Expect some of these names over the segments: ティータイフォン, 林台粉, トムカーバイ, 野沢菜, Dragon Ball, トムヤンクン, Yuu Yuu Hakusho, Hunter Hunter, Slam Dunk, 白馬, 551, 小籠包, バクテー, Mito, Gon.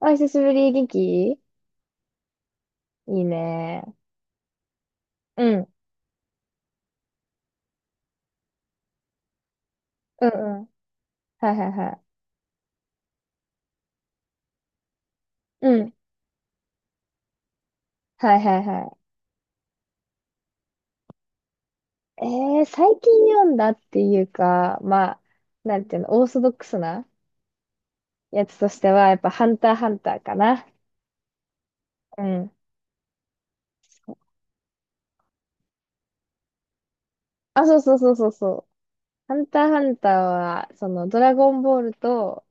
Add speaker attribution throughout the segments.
Speaker 1: あ、久しぶり、元気いいね。うん、うん、うん。はいはいはい。うん、はいはいはい。最近読んだっていうか、まあ、なんていうの、オーソドックスなやつとしては、やっぱハンターハンターかな。うん。あ、そうそうそうそうそう。ハンターハンターは、その、ドラゴンボールと、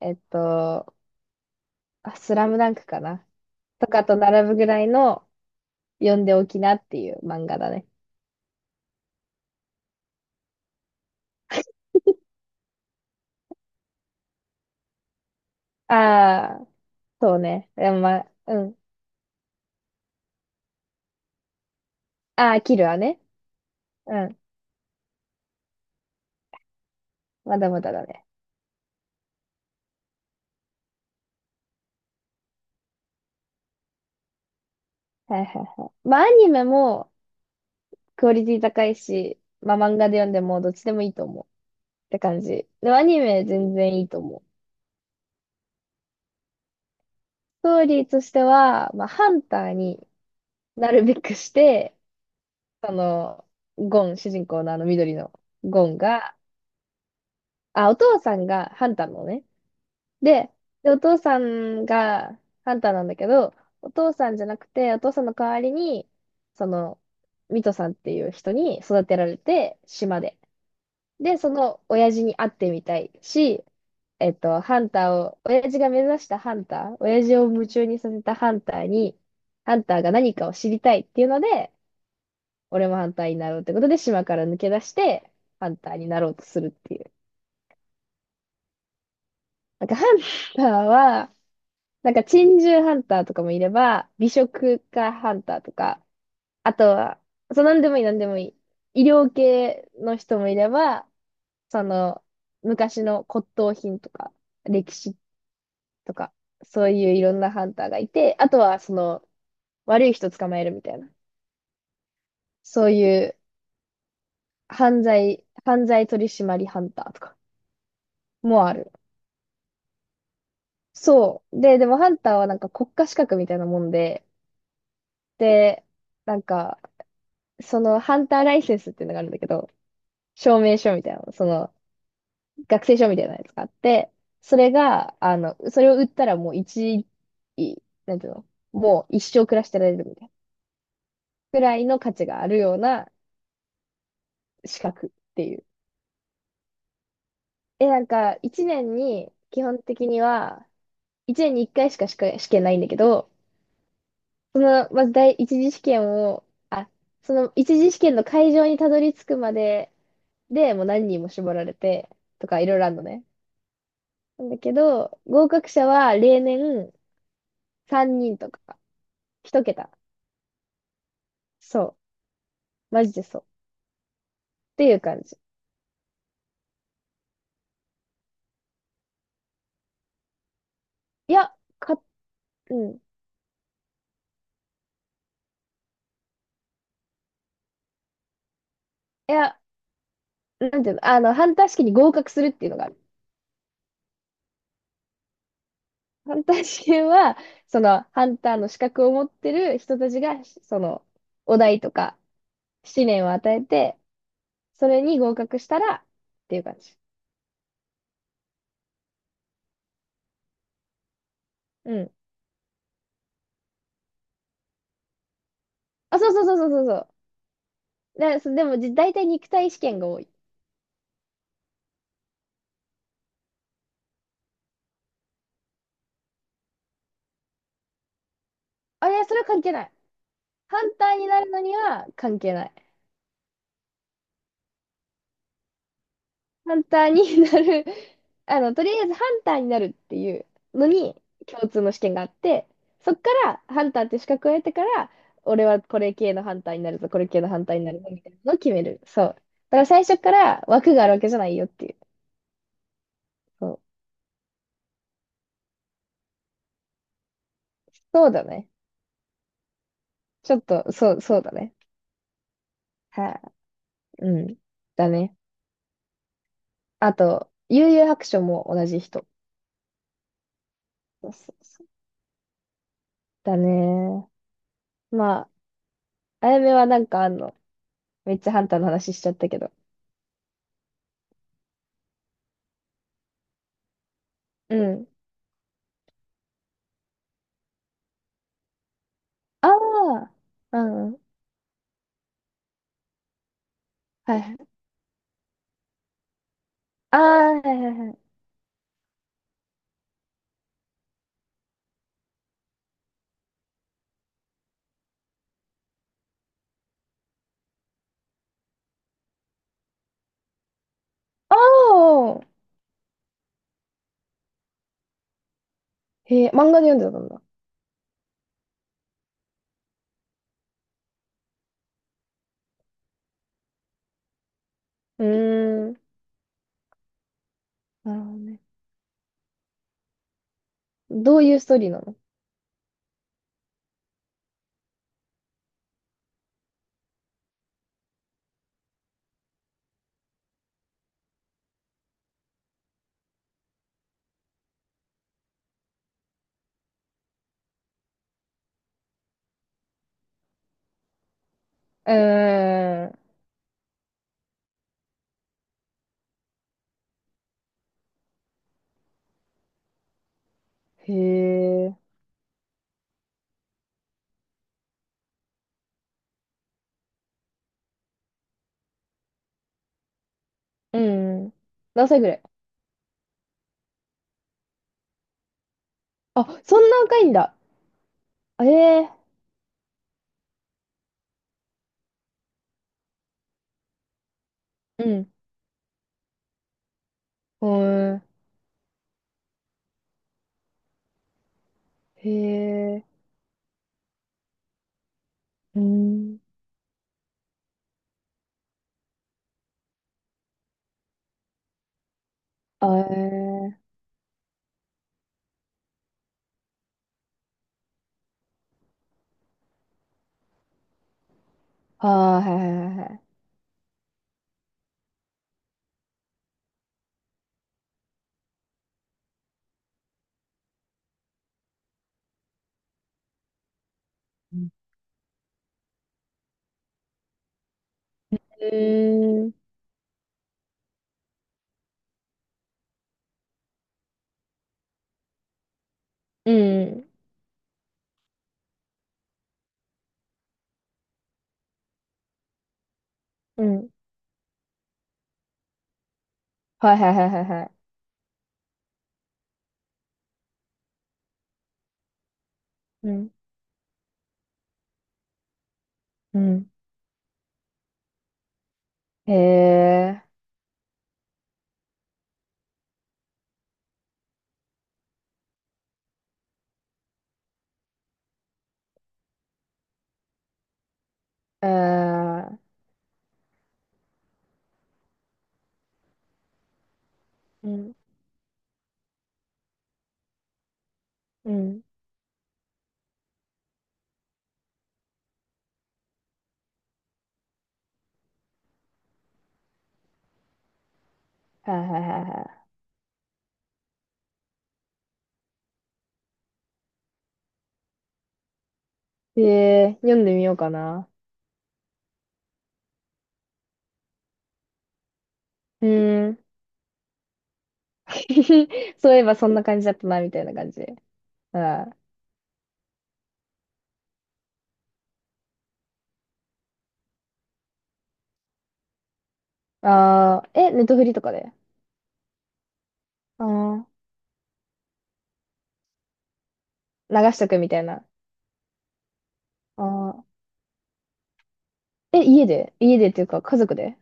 Speaker 1: えっと、あスラムダンクかな。とかと並ぶぐらいの、読んでおきなっていう漫画だね。ああ、そうね。でもまあ、うん。ああ、キルはね。うん。まだまだだね。はいはいはい。まあ、アニメもクオリティ高いし、まあ、漫画で読んでもどっちでもいいと思うって感じ。でも、アニメ全然いいと思う。ストーリーとしては、まあ、ハンターになるべくして、その、ゴン、主人公のあの緑のゴンが、あ、お父さんがハンターのね、で、で、お父さんがハンターなんだけど、お父さんじゃなくて、お父さんの代わりに、その、ミトさんっていう人に育てられて、島で。で、その親父に会ってみたいし、ハンターを、親父が目指したハンター、親父を夢中にさせたハンターに、ハンターが何かを知りたいっていうので、俺もハンターになろうってことで、島から抜け出して、ハンターになろうとするっていう。なんか、ハンターは、なんか珍獣ハンターとかもいれば、美食家ハンターとか、あとは、そう、なんでもいい、なんでもいい。医療系の人もいれば、その、昔の骨董品とか、歴史とか、そういういろんなハンターがいて、あとは、その、悪い人捕まえるみたいな、そういう犯罪取締りハンターとかもある。そう。でもハンターはなんか国家資格みたいなもんで、で、なんか、そのハンターライセンスっていうのがあるんだけど、証明書みたいな、その、学生証みたいなやつがあって、それが、あの、それを売ったらもう一、いなんていうの、もう一生暮らしてられるみたいな、くらいの価値があるような資格っていう。え、なんか、一年に、基本的には、一年に一回しか試験ないんだけど、その、まず第一次試験を、あ、その一次試験の会場にたどり着くまでで、もう何人も絞られて、とかいろいろあるのね。なんだけど、合格者は例年、3人とか、1桁。そう。マジでそう。っていう感じ。いや、か、うん。いや、なんていうの、あの、ハンター試験に合格するっていうのがある。ハンター試験は、その、ハンターの資格を持ってる人たちが、その、お題とか、試練を与えて、それに合格したら、っていう感じ。うん。あ、そうそうそうそうそうそう。で、そでも、じ大体肉体試験が多い。あれ、それは関係ない。ハンターになるのには関係ない。ハンターになる あの、とりあえずハンターになるっていうのに共通の試験があって、そっからハンターって資格を得てから、俺はこれ系のハンターになるぞ、これ系のハンターになるぞ、みたいなのを決める。そう。だから最初から枠があるわけじゃないよっていう。そう、そうだね。ちょっと、そう、そうだね。はい、うん。だね。あと、悠々白書も同じ人。そうそうそう。だね。まあ、あやめはなんかあんの。めっちゃハンターの話しちゃったけど。うん。ああ、うん。はいはい。ああ、はいはいはい。ああ、へえ、漫画で読んでたんだ。うーん。なるほどね。どういうストーリーなの。うーん。へえ。うん。何歳ぐらい。あ、そんな若いんだ。ええ。うん。うん。へえ。うん。あえ。ああはいはいはいはい。うんうん。うん。うん。はいはいはいはいはい。うん。うん。へえ。えーうん。うん。はいはいはいはい。えー、読んでみようかな。うーん。そういえばそんな感じだったな、みたいな感じで。うん。ああ、え、ネットフリとかで。ああー、流しとくみたいな。ああ。え、家で家でっていうか、家族で。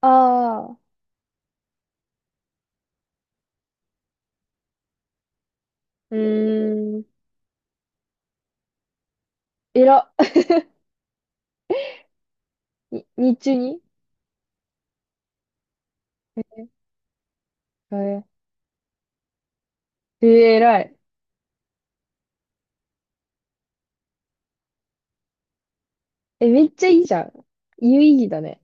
Speaker 1: ああー、うーん。えら。に日中に。えー、えらい。え、めっちゃいいじゃん。有意義だね。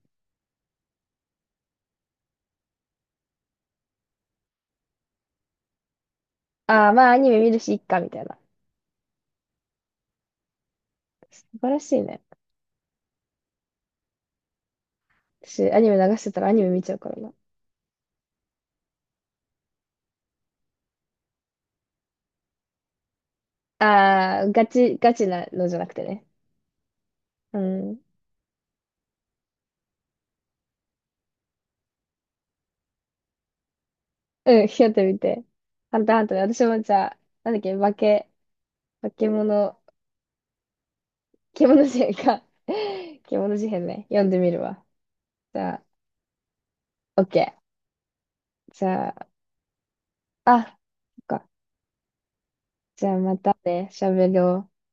Speaker 1: ああ、まあアニメ見るし、いっか、みたいな。素晴らしいね。私、アニメ流してたらアニメ見ちゃうからな。ああ、ガチなのじゃなくてね。うん。うん、やってみて。ハンターハンターね私もじゃあ、なんだっけ、化け物、獣事変か。獣事変ね。読んでみるわ。じゃあ、オッケー。じゃあ、あ、そっか。じゃあまたね、喋ろう。